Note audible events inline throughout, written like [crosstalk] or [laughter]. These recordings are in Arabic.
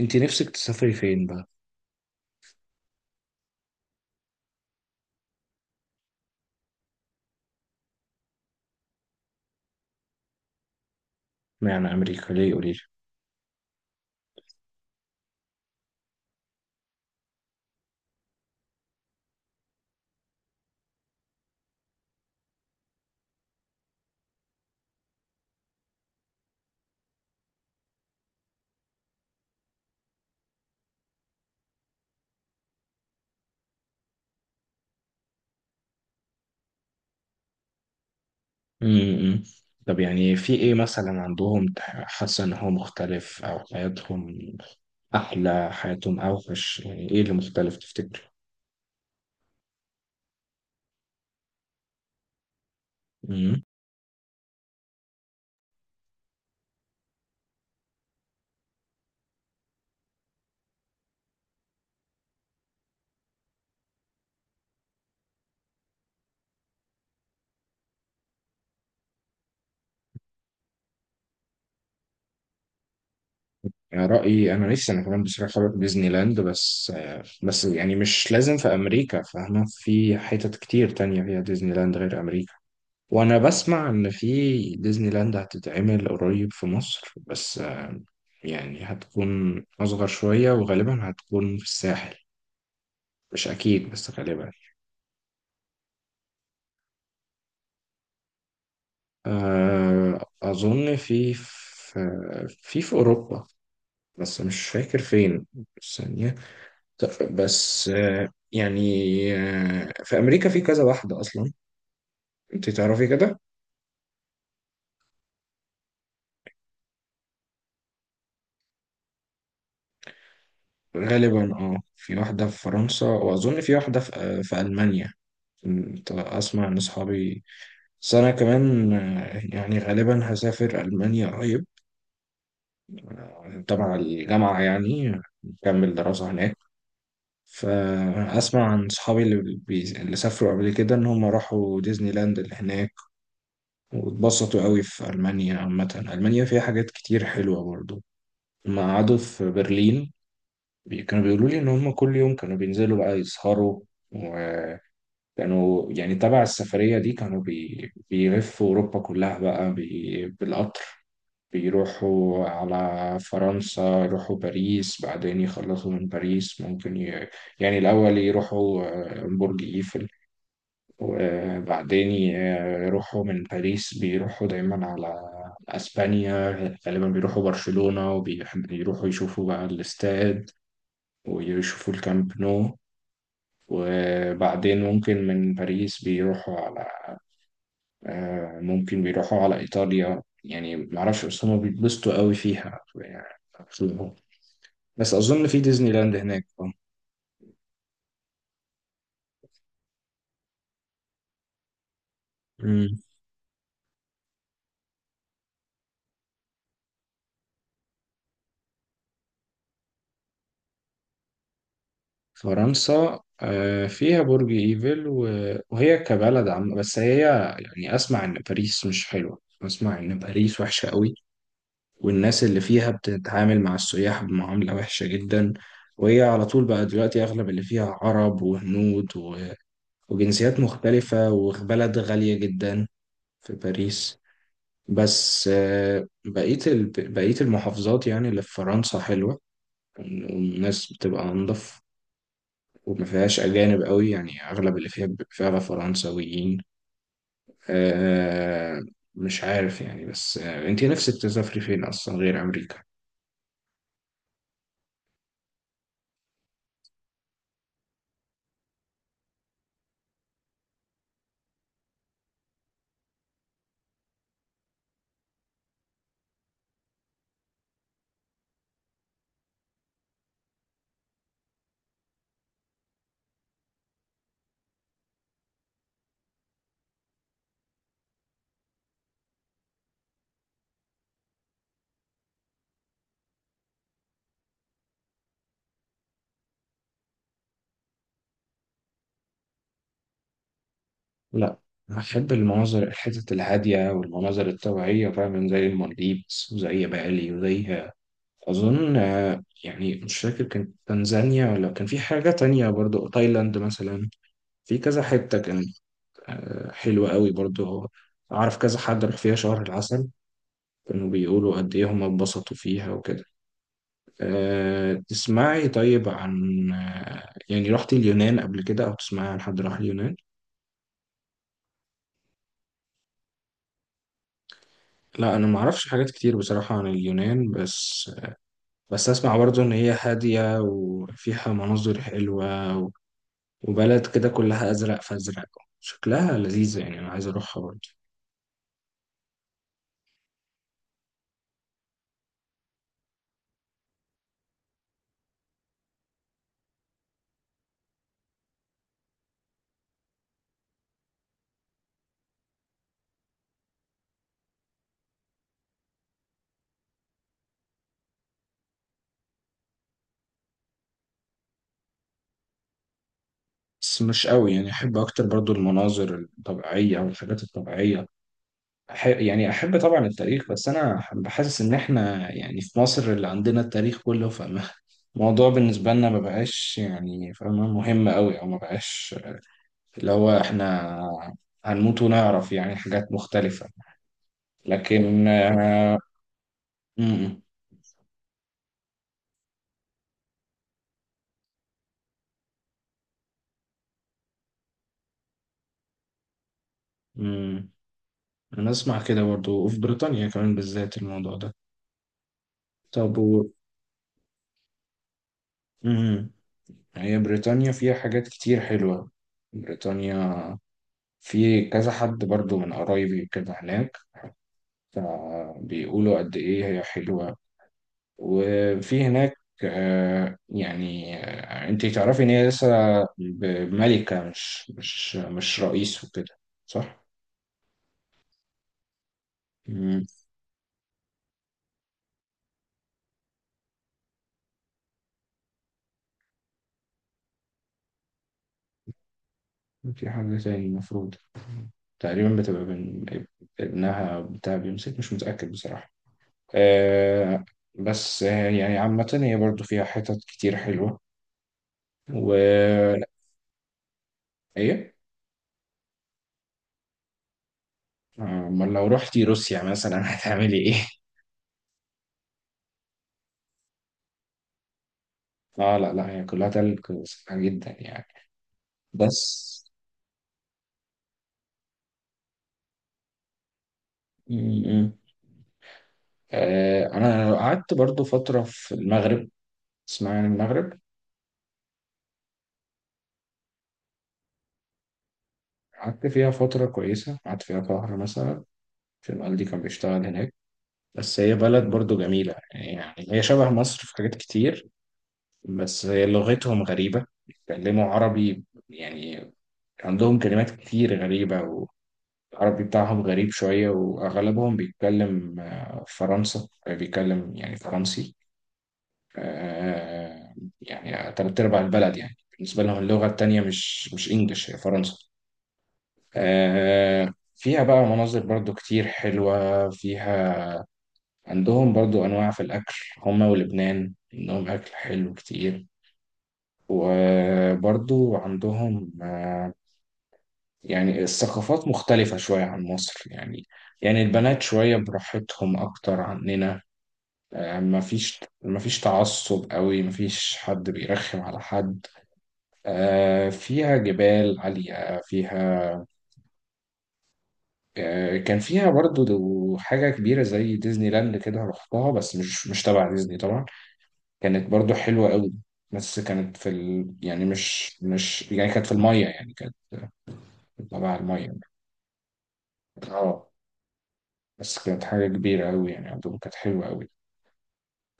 انت نفسك تسافري فين بقى؟ معنى امريكا ليه قولي لي. طب يعني في ايه مثلا عندهم حاسه ان هو مختلف او حياتهم احلى حياتهم اوحش، يعني ايه اللي مختلف تفتكر؟ امم. يعني رايي انا نفسي انا كمان بصراحه اروح ديزني لاند، بس بس يعني مش لازم في امريكا، فاهمه في حتت كتير تانية فيها ديزني لاند غير امريكا. وانا بسمع ان في ديزني لاند هتتعمل قريب في مصر، بس يعني هتكون اصغر شوية وغالبا هتكون في الساحل، مش اكيد بس غالبا. اظن في اوروبا، بس مش فاكر فين. بس يعني بس في امريكا في كذا واحدة اصلا، انت تعرفي كده. غالبا اه في واحدة في فرنسا، واظن في واحدة في المانيا. كنت اسمع ان اصحابي، بس أنا كمان يعني غالبا هسافر ألمانيا قريب، تبع الجامعة يعني نكمل دراسة هناك. فأسمع عن صحابي اللي سافروا قبل كده إن هم راحوا ديزني لاند اللي هناك واتبسطوا قوي في ألمانيا عامة. ألمانيا فيها حاجات كتير حلوة برضو، لما قعدوا في برلين كانوا بيقولوا لي إن هم كل يوم كانوا بينزلوا بقى يسهروا. وكانوا يعني تبع السفرية دي كانوا بيلفوا أوروبا كلها بقى بالقطر. بيروحوا على فرنسا يروحوا باريس، بعدين يخلصوا من باريس ممكن يعني الأول يروحوا برج إيفل، وبعدين يروحوا من باريس بيروحوا دايما على أسبانيا، غالبا بيروحوا برشلونة وبيروحوا يشوفوا بقى الاستاد ويشوفوا الكامب نو. وبعدين ممكن من باريس بيروحوا على ممكن بيروحوا على إيطاليا، يعني معرفش، بس هما بيتبسطوا قوي فيها يعني. بس أظن في ديزني لاند هناك مم. فرنسا فيها برج إيفل وهي كبلد عم، بس هي يعني أسمع إن باريس مش حلوة، أسمع إن باريس وحشة قوي والناس اللي فيها بتتعامل مع السياح بمعاملة وحشة جدا. وهي على طول بقى دلوقتي أغلب اللي فيها عرب وهنود وجنسيات مختلفة، وبلد غالية جدا في باريس. بس بقية المحافظات يعني اللي في فرنسا حلوة، والناس بتبقى أنضف، وما فيهاش أجانب قوي، يعني أغلب اللي فيها بيبقى فعلا فرنساويين. آه، مش عارف يعني، بس أنتي نفسك تسافري فين أصلا غير أمريكا؟ لا، أحب المناظر الحتت الهادية والمناظر الطبيعية فعلا زي المالديفز وزي بالي وزي، أظن يعني مش فاكر كانت تنزانيا ولا كان في حاجة تانية، برضو تايلاند مثلا، في كذا حتة كانت حلوة قوي برضو. أعرف كذا حد راح فيها شهر العسل، كانوا بيقولوا قد إيه هم اتبسطوا فيها وكده. أه تسمعي طيب عن يعني رحتي اليونان قبل كده، أو تسمعي عن حد راح اليونان؟ لا أنا معرفش حاجات كتير بصراحة عن اليونان، بس أسمع برضو إن هي هادية وفيها مناظر حلوة، وبلد كده كلها أزرق فأزرق، شكلها لذيذة، يعني أنا عايز أروحها برضو. بس مش قوي، يعني احب اكتر برضو المناظر الطبيعيه او الحاجات الطبيعيه. يعني احب طبعا التاريخ، بس انا بحسس ان احنا يعني في مصر اللي عندنا التاريخ كله، فالموضوع [laughs] بالنسبه لنا ما بقاش يعني فاهمه مهم قوي او ما بقاش اللي هو احنا هنموت ونعرف يعني حاجات مختلفه. لكن م- م- انا اسمع كده برضو، وفي بريطانيا كمان بالذات الموضوع ده. طب و... م- هي بريطانيا فيها حاجات كتير حلوة. بريطانيا في كذا حد برضو من قرايبي كده هناك، فبيقولوا قد إيه هي حلوة. وفي هناك انتي تعرفي ان هي لسه ملكة مش رئيس وكده، صح؟ مم. في حاجة تاني المفروض تقريبا بتبقى ابنها بتاع بيمسك، مش متأكد بصراحة. آه، بس آه يعني عامة هي برضو فيها حتت كتير حلوة. و ايه؟ امال لو رحتي روسيا مثلا [laughs] هتعملي ايه؟ اه لا لا هي كلها تلج سخنة جدا يعني. بس م- م. آه، انا قعدت برضو فترة في المغرب، اسمها يعني المغرب. قعدت فيها فترة كويسة، قعدت فيها شهر مثلا، في والدي كان بيشتغل هناك. بس هي بلد برضو جميلة، يعني هي شبه مصر في حاجات كتير، بس هي لغتهم غريبة بيتكلموا عربي يعني عندهم كلمات كتير غريبة. والعربي بتاعهم غريب شوية، وأغلبهم بيتكلم آه، فرنسا آه، بيتكلم يعني فرنسي. آه، يعني تلات أرباع البلد يعني بالنسبة لهم اللغة التانية مش إنجلش، هي فرنسا. فيها بقى مناظر برضو كتير حلوة فيها. عندهم برضو أنواع في الأكل، هما ولبنان عندهم أكل حلو كتير. وبرضو عندهم يعني الثقافات مختلفة شوية عن مصر، يعني يعني البنات شوية براحتهم أكتر عننا. مفيش تعصب قوي، مفيش حد بيرخم على حد. فيها جبال عالية، فيها كان فيها برضو حاجة كبيرة زي ديزني لاند كده رحتها، بس مش تبع ديزني طبعا. كانت برضو حلوة قوي، بس كانت يعني مش يعني كانت في المية، يعني كانت تبع المية. اه بس كانت حاجة كبيرة أوي يعني، عندهم كانت حلوة أوي.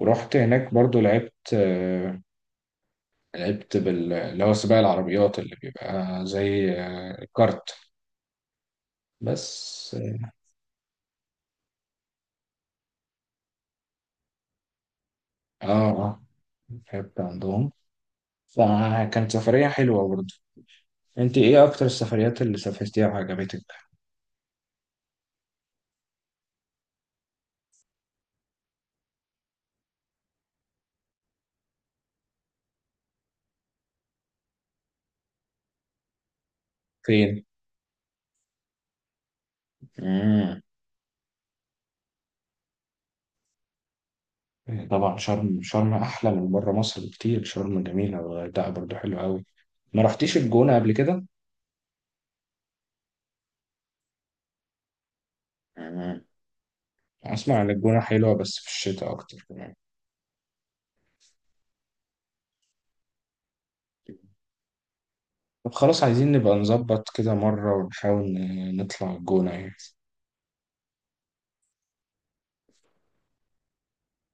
ورحت هناك برضو لعبت لعبت اللي هو سباق العربيات اللي بيبقى زي الكارت. بس اه اه لعبت عندهم، فكانت سفرية حلوة برضو. انت ايه أكتر السفريات اللي سافرتيها وعجبتك؟ فين؟ مم. إيه، طبعا شرم، شرم أحلى من بره مصر بكتير، شرم جميلة والغردقة برضو حلوة أوي. ما رحتيش الجونة قبل كده؟ اسمع عن الجونة حلوة بس في الشتاء اكتر كمان. طب خلاص عايزين نبقى نظبط كده مرة ونحاول نطلع الجونة يعني.